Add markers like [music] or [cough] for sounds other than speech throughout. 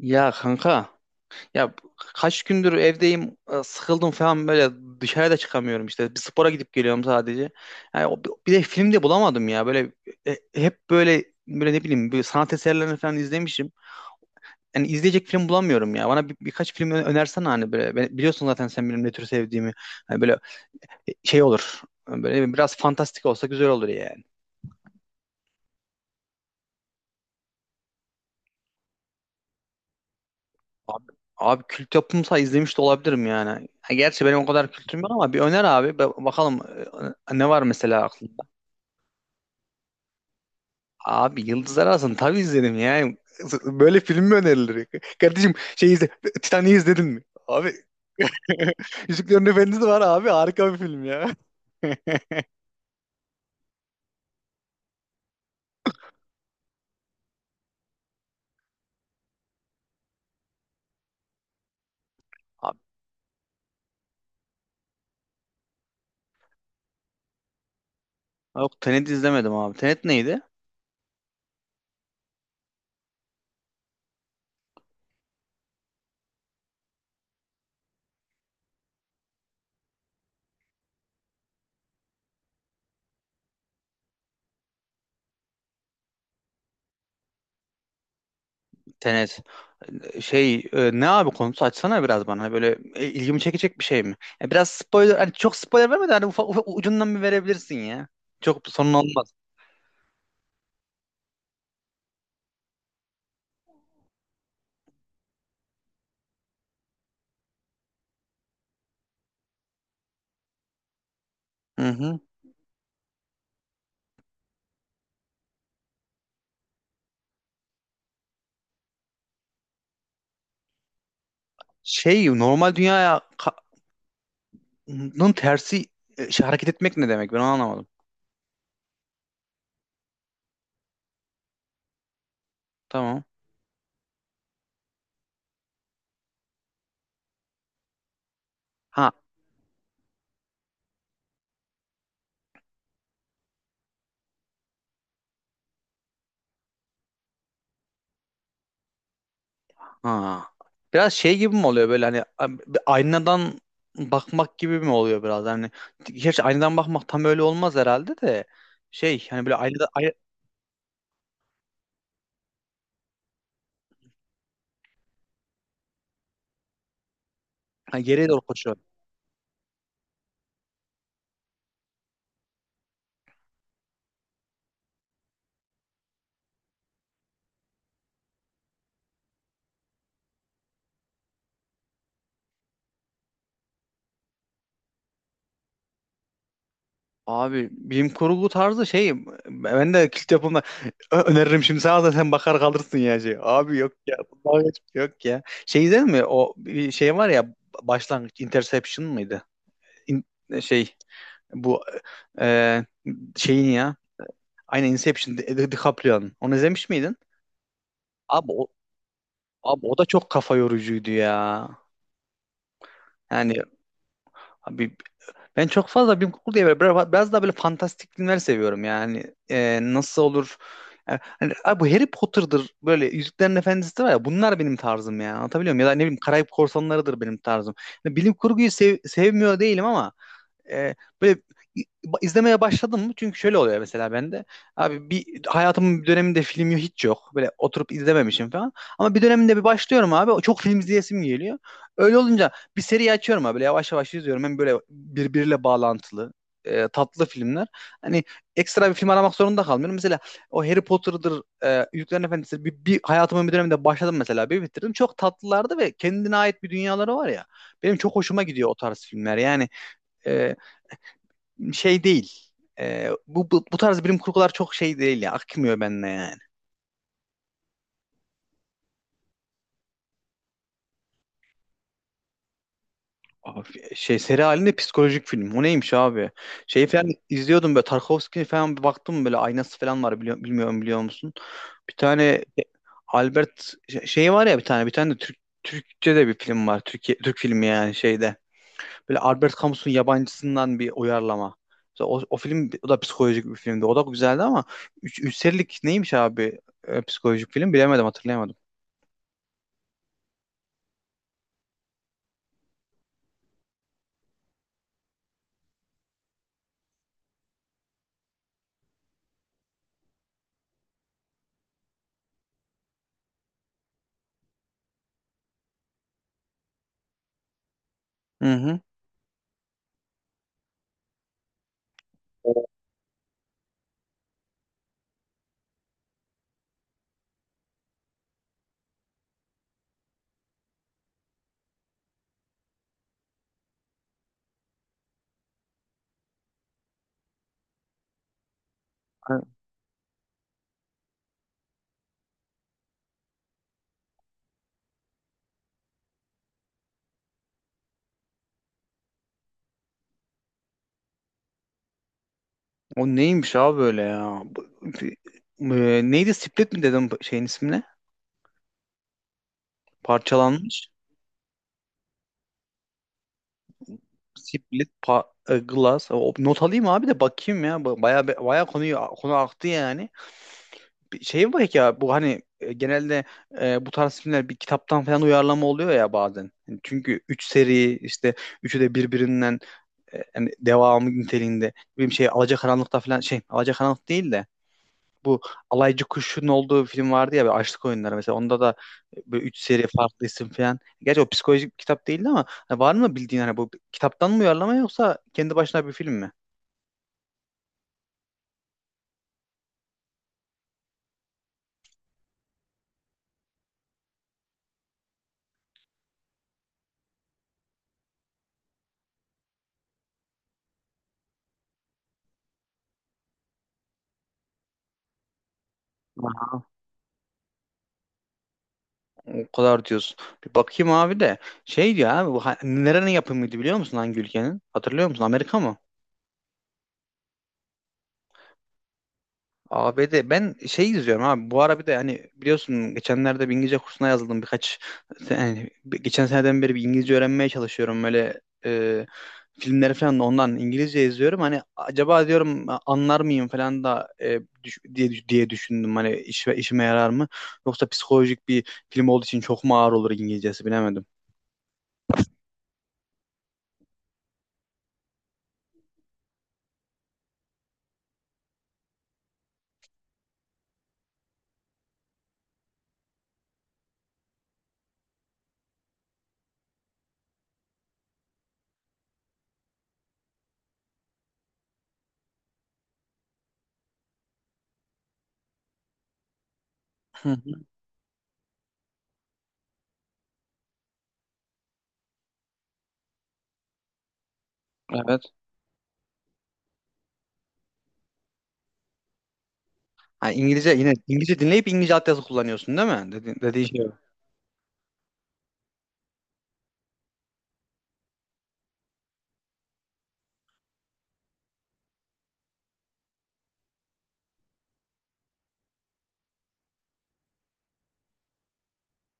Ya kanka ya kaç gündür evdeyim sıkıldım falan böyle, dışarıda çıkamıyorum, işte bir spora gidip geliyorum sadece. Yani o- Bir de film de bulamadım ya böyle. Hep böyle ne bileyim böyle sanat eserlerini falan izlemişim. Yani izleyecek film bulamıyorum ya. Bana birkaç film önersene. Hani böyle, biliyorsun zaten sen benim ne tür sevdiğimi. Hani böyle şey olur. Hani böyle biraz fantastik olsa güzel olur ya. Abi, abi, kült yapımsa izlemiş de olabilirim yani. Ha, gerçi benim o kadar kültürüm yok ama bir öner abi. Bakalım ne var mesela aklında. Abi Yıldızlar Arası'nı tabii izledim yani. Böyle film mi önerilir? Kardeşim şey izle. Titanic'i izledin mi? Abi [laughs] Yüzüklerin Efendisi var abi. Harika bir film ya. [laughs] Abi, yok, Tenet izlemedim abi. Tenet neydi? Tenet. Şey, ne abi, konusu açsana biraz bana. Hani böyle ilgimi çekecek bir şey mi? Ya biraz spoiler, hani çok spoiler verme de hani ufak ucundan bir verebilirsin ya. Çok sorun olmaz. Hı hı. Şey, normal dünyanın tersi hareket etmek ne demek, ben onu anlamadım. Tamam. Ha ha. Biraz şey gibi mi oluyor böyle hani, bir aynadan bakmak gibi mi oluyor biraz, hani gerçi aynadan bakmak tam öyle olmaz herhalde de şey, hani böyle aynada ay, ha, geriye doğru koşuyor. Abi bilim kurgu tarzı şey, ben de kilit yapımda öneririm şimdi sana da sen bakar kalırsın ya şey. Abi yok ya. Yok ya. Şey izledin mi? O bir şey var ya, başlangıç, Interception mıydı? İn- e, şey bu e, şeyin ya. Aynen, Inception, DiCaprio'nun. Onu izlemiş miydin? Abi o, abi o da çok kafa yorucuydu ya. Yani abi, ben çok fazla bilim kurgu diye, böyle biraz daha böyle fantastik filmler seviyorum yani. Nasıl olur? Yani, hani, abi bu Harry Potter'dır, böyle Yüzüklerin Efendisi var ya, bunlar benim tarzım ya, anlatabiliyor muyum? Ya da ne bileyim, Karayip Korsanları'dır benim tarzım. Yani bilim kurguyu sevmiyor değilim ama e, böyle izlemeye başladım mı? Çünkü şöyle oluyor mesela bende. Abi bir hayatımın bir döneminde film yok, hiç yok. Böyle oturup izlememişim falan. Ama bir döneminde bir başlıyorum abi. O çok film izleyesim geliyor. Öyle olunca bir seri açıyorum abi. Böyle yavaş yavaş izliyorum. Hem böyle birbiriyle bağlantılı tatlı filmler. Hani ekstra bir film aramak zorunda kalmıyorum. Mesela o Harry Potter'dır, Yüzüklerin Efendisi, bir hayatımın bir döneminde başladım mesela, bir bitirdim. Çok tatlılardı ve kendine ait bir dünyaları var ya. Benim çok hoşuma gidiyor o tarz filmler. Yani e, şey değil. Bu tarz bilim kurgular çok şey değil ya. Akmıyor benimle yani. Abi, şey, seri halinde psikolojik film. O neymiş abi? Şey falan izliyordum, böyle Tarkovski falan, bir baktım böyle aynası falan var, biliyor, bilmiyorum, biliyor musun? Bir tane e, Albert şey var ya, bir tane, bir tane de Türk Türkçe de bir film var. Türkiye Türk filmi yani şeyde. Böyle Albert Camus'un Yabancısı'ndan bir uyarlama. Mesela o film, o da psikolojik bir filmdi. O da güzeldi ama 3 serilik neymiş abi psikolojik film, bilemedim, hatırlayamadım. Hı hı. O, O neymiş abi böyle ya? Neydi? Split mi dedim şeyin ismine? Parçalanmış. Split, Glass. O, not alayım abi de bakayım ya. Baya baya konu aktı yani. Bir şey mi ya bu, hani genelde bu tarz filmler bir kitaptan falan uyarlama oluyor ya bazen. Yani çünkü 3 seri, işte üçü de birbirinden yani devamı niteliğinde. Bir şey Alacakaranlık'ta falan, şey, Alacakaranlık değil de bu alaycı kuşun olduğu film vardı ya, böyle Açlık Oyunları, mesela onda da böyle üç seri farklı isim falan. Gerçi o psikolojik bir kitap değildi ama hani var mı bildiğin, hani bu kitaptan mı uyarlama yoksa kendi başına bir film mi? Aha, o kadar diyorsun. Bir bakayım abi de, şey diyor abi bu, nerenin yapımıydı biliyor musun, hangi ülkenin? Hatırlıyor musun? Amerika mı? ABD. Ben şey izliyorum abi bu ara, bir de hani biliyorsun geçenlerde bir İngilizce kursuna yazıldım birkaç, geçen seneden beri bir İngilizce öğrenmeye çalışıyorum böyle. Filmleri falan da ondan İngilizce izliyorum, hani acaba diyorum, anlar mıyım falan da diye diye düşündüm, hani işime yarar mı, yoksa psikolojik bir film olduğu için çok mu ağır olur İngilizcesi, bilemedim. Hı hı. Evet. Ha, İngilizce, yine İngilizce dinleyip İngilizce altyazı kullanıyorsun değil mi? Dediği şey o.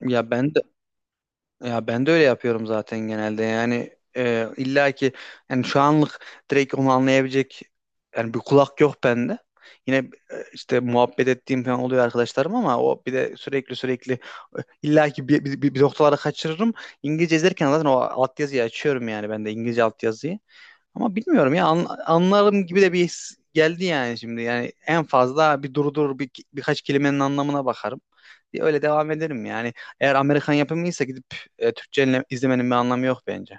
Ya ben de, ya ben de öyle yapıyorum zaten genelde. Yani illa ki, yani şu anlık direkt onu anlayabilecek yani bir kulak yok bende. Yine işte muhabbet ettiğim falan oluyor arkadaşlarım ama o, bir de sürekli illa ki bir noktalara kaçırırım. İngilizce izlerken zaten o altyazıyı açıyorum yani, ben de İngilizce altyazıyı. Ama bilmiyorum ya, anlarım gibi de bir his geldi yani şimdi. Yani en fazla bir durdur, birkaç kelimenin anlamına bakarım diye, öyle devam ederim yani. Eğer Amerikan yapımıysa gidip Türkçe izlemenin bir anlamı yok bence.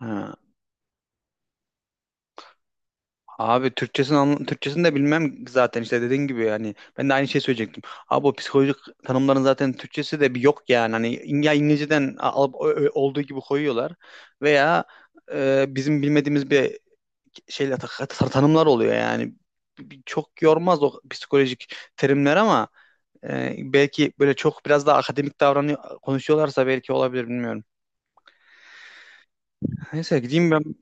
Ha. Abi Türkçesini, Türkçesini de bilmem zaten işte, dediğin gibi yani, ben de aynı şey söyleyecektim. Abi o psikolojik tanımların zaten Türkçesi de bir yok yani, hani İngilizceden olduğu gibi koyuyorlar veya bizim bilmediğimiz bir şeyler tanımlar oluyor yani. Çok yormaz o psikolojik terimler ama belki böyle çok biraz daha akademik davranıyor konuşuyorlarsa belki olabilir, bilmiyorum. Neyse, gideyim ben,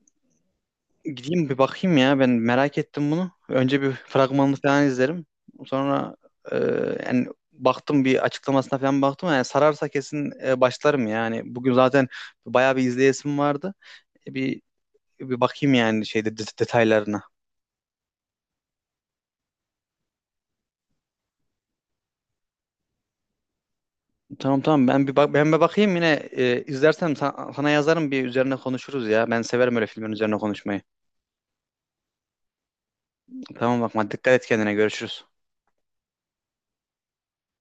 gideyim bir bakayım ya, ben merak ettim bunu. Önce bir fragmanını falan izlerim. Sonra e, yani baktım, bir açıklamasına falan baktım yani, sararsa kesin başlarım yani. Bugün zaten bayağı bir izleyesim vardı. E, bir bakayım yani şeyde detaylarına. Tamam tamam, ben bir bak, ben bir bakayım, yine izlersem sana yazarım, bir üzerine konuşuruz ya. Ben severim öyle filmin üzerine konuşmayı. Tamam, bakma, dikkat et kendine, görüşürüz.